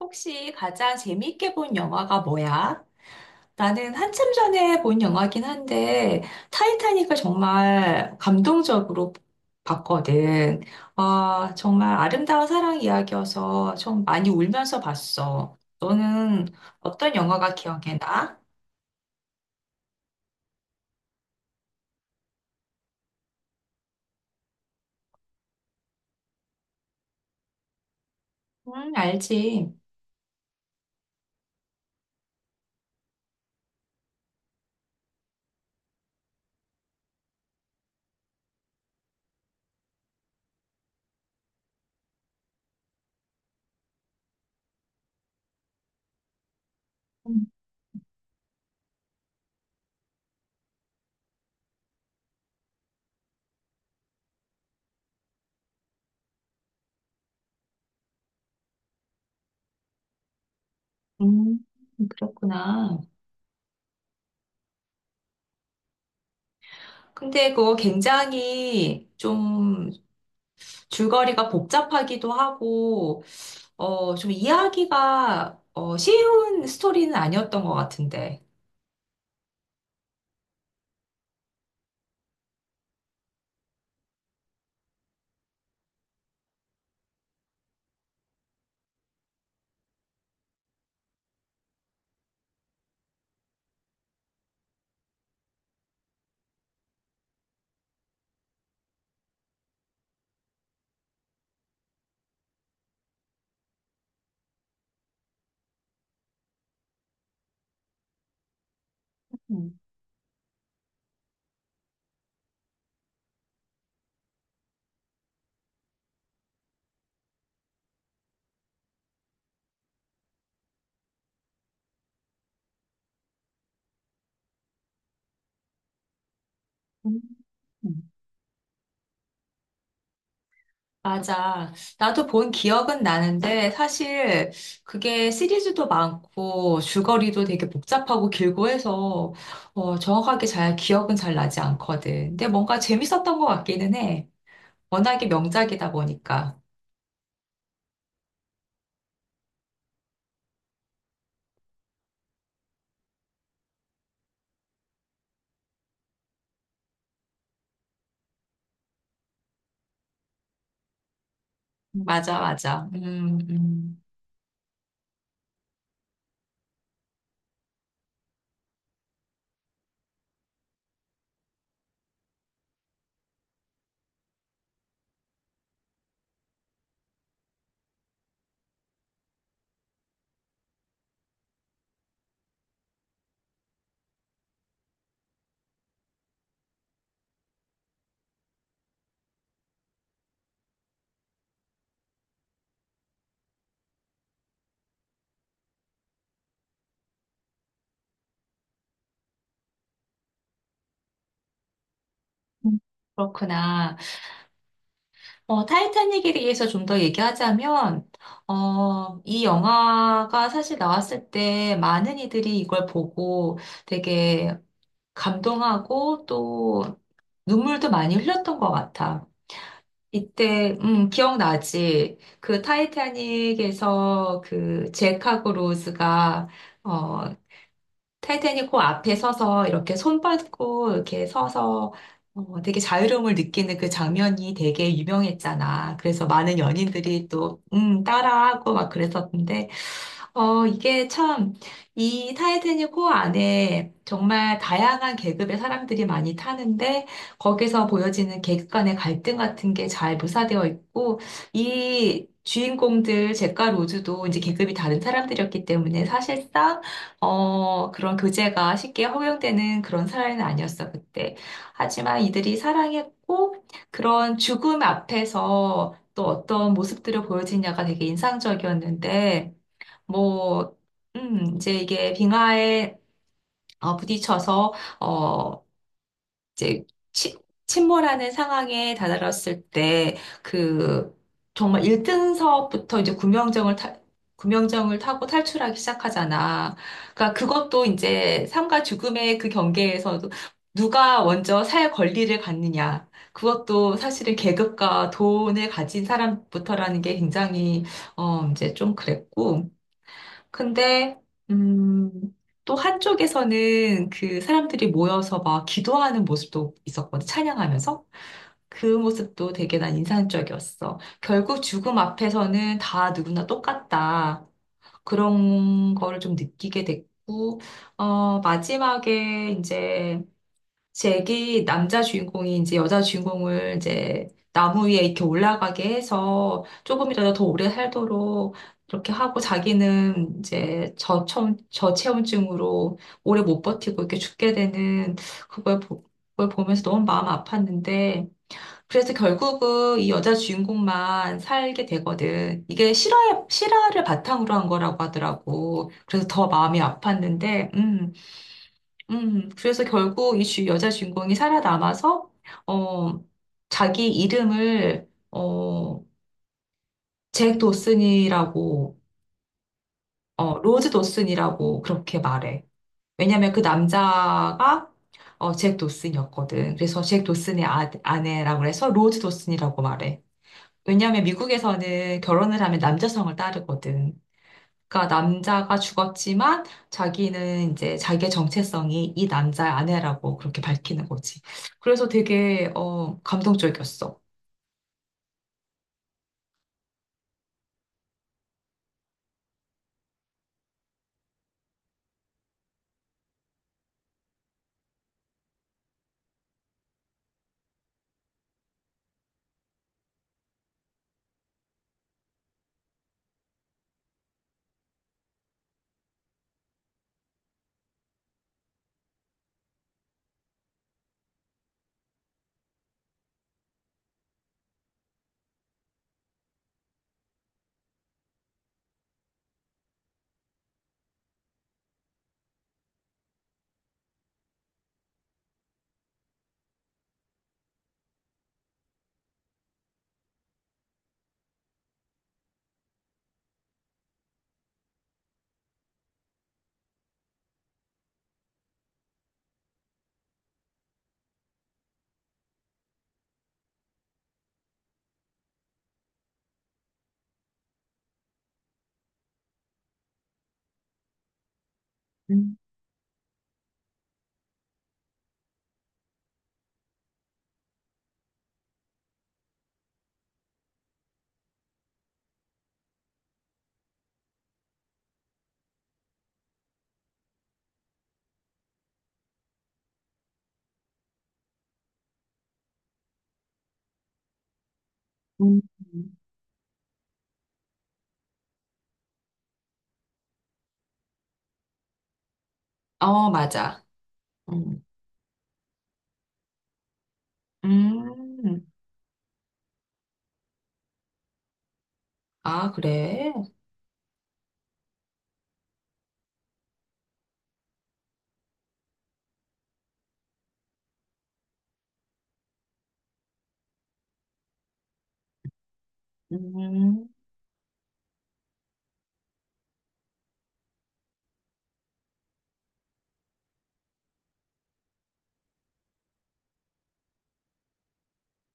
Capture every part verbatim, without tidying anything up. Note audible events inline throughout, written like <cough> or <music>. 혹시 가장 재밌게 본 영화가 뭐야? 나는 한참 전에 본 영화긴 한데, 타이타닉을 정말 감동적으로 봤거든. 아, 정말 아름다운 사랑 이야기여서 좀 많이 울면서 봤어. 너는 어떤 영화가 기억에 나? 응, 알지. 음, 음, 그렇구나. 근데 그거 굉장히 좀 줄거리가 복잡하기도 하고, 어, 좀 이야기가 어, 쉬운 스토리는 아니었던 것 같은데. 음, 음, 음. 맞아. 나도 본 기억은 나는데 사실 그게 시리즈도 많고 줄거리도 되게 복잡하고 길고 해서 어, 정확하게 잘 기억은 잘 나지 않거든. 근데 뭔가 재밌었던 것 같기는 해. 워낙에 명작이다 보니까. 음, 맞아, 맞아. 음, 음. 음. 그렇구나. 어, 타이타닉에 대해서 좀 더 얘기하자면, 어, 이 영화가 사실 나왔을 때 많은 이들이 이걸 보고 되게 감동하고 또 눈물도 많이 흘렸던 것 같아. 이때, 음, 기억나지? 그 타이타닉에서 그 잭 하고 로즈가, 어, 타이타닉 호 앞에 서서 이렇게 손 뻗고 이렇게 서서 어, 되게 자유로움을 느끼는 그 장면이 되게 유명했잖아. 그래서 많은 연인들이 또, 음, 따라하고 막 그랬었는데, 어, 이게 참, 이 타이타닉 호 안에 정말 다양한 계급의 사람들이 많이 타는데, 거기서 보여지는 계급 간의 갈등 같은 게 잘 묘사되어 있고, 이 주인공들, 잭과 로즈도 이제 계급이 다른 사람들이었기 때문에 사실상, 어, 그런 교제가 쉽게 허용되는 그런 사회는 아니었어, 그때. 하지만 이들이 사랑했고, 그런 죽음 앞에서 또 어떤 모습들을 보여지냐가 되게 인상적이었는데, 뭐, 음, 이제 이게 빙하에 어, 부딪혀서, 어, 이제 치- 침몰하는 상황에 다다랐을 때, 그, 정말 일 등석부터 이제 구명정을 타, 구명정을 타고 탈출하기 시작하잖아. 그러니까 그것도 이제 삶과 죽음의 그 경계에서도 누가 먼저 살 권리를 갖느냐. 그것도 사실은 계급과 돈을 가진 사람부터라는 게 굉장히, 어, 이제 좀 그랬고. 근데, 음, 또 한쪽에서는 그 사람들이 모여서 막 기도하는 모습도 있었거든, 찬양하면서. 그 모습도 되게 난 인상적이었어. 결국 죽음 앞에서는 다 누구나 똑같다. 그런 거를 좀 느끼게 됐고, 어, 마지막에 이제 잭이 남자 주인공이 이제 여자 주인공을 이제 나무 위에 이렇게 올라가게 해서 조금이라도 더 오래 살도록 이렇게 하고 자기는 이제 저체온, 저체온증으로 오래 못 버티고 이렇게 죽게 되는 그걸, 보, 그걸 보면서 너무 마음 아팠는데 그래서 결국은 이 여자 주인공만 살게 되거든. 이게 실화에, 실화를 바탕으로 한 거라고 하더라고. 그래서 더 마음이 아팠는데, 음. 음, 그래서 결국 이 주, 여자 주인공이 살아남아서, 어, 자기 이름을, 어, 잭 도슨이라고, 어, 로즈 도슨이라고 그렇게 말해. 왜냐면 그 남자가, 어, 잭 도슨이었거든. 그래서 잭 도슨의 아, 아내라고 해서 로즈 도슨이라고 말해. 왜냐면 미국에서는 결혼을 하면 남자성을 따르거든. 그러니까 남자가 죽었지만 자기는 이제 자기의 정체성이 이 남자의 아내라고 그렇게 밝히는 거지. 그래서 되게 어, 감동적이었어. 음, 음, 어, 맞아. 음. 음. 아, 그래? 음.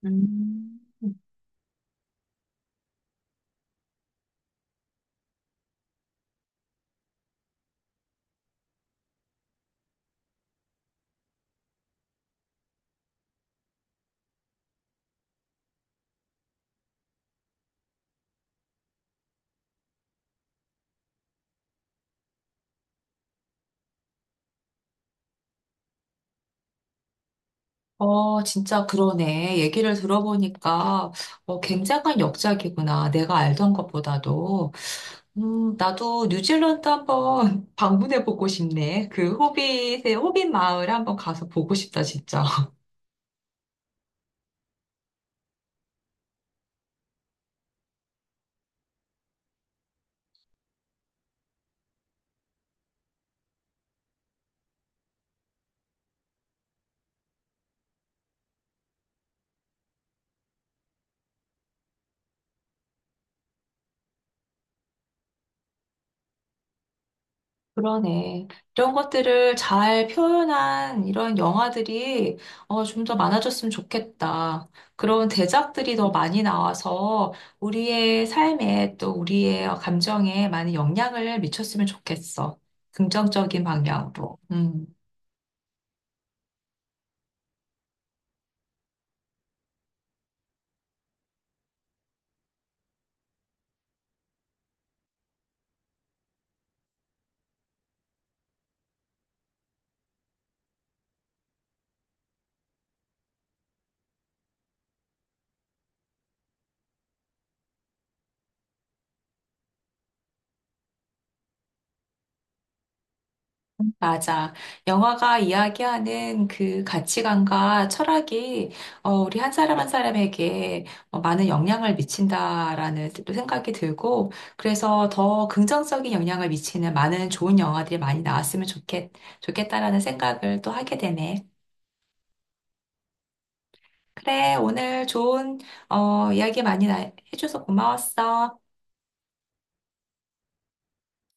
음. 어, 진짜 그러네. 얘기를 들어보니까, 어, 굉장한 역작이구나. 내가 알던 것보다도. 음, 나도 뉴질랜드 한번 <laughs> 방문해보고 싶네. 그 호빗의, 호빗 마을 한번 가서 보고 싶다, 진짜. 그러네. 이런 것들을 잘 표현한 이런 영화들이 어, 좀더 많아졌으면 좋겠다. 그런 대작들이 더 많이 나와서 우리의 삶에 또 우리의 감정에 많은 영향을 미쳤으면 좋겠어. 긍정적인 방향으로. 음. 맞아. 영화가 이야기하는 그 가치관과 철학이 어, 우리 한 사람 한 사람에게 어, 많은 영향을 미친다라는 또 생각이 들고 그래서 더 긍정적인 영향을 미치는 많은 좋은 영화들이 많이 나왔으면 좋겠, 좋겠다라는 생각을 또 하게 되네. 그래, 오늘 좋은 어, 이야기 많이 나- 해줘서 고마웠어.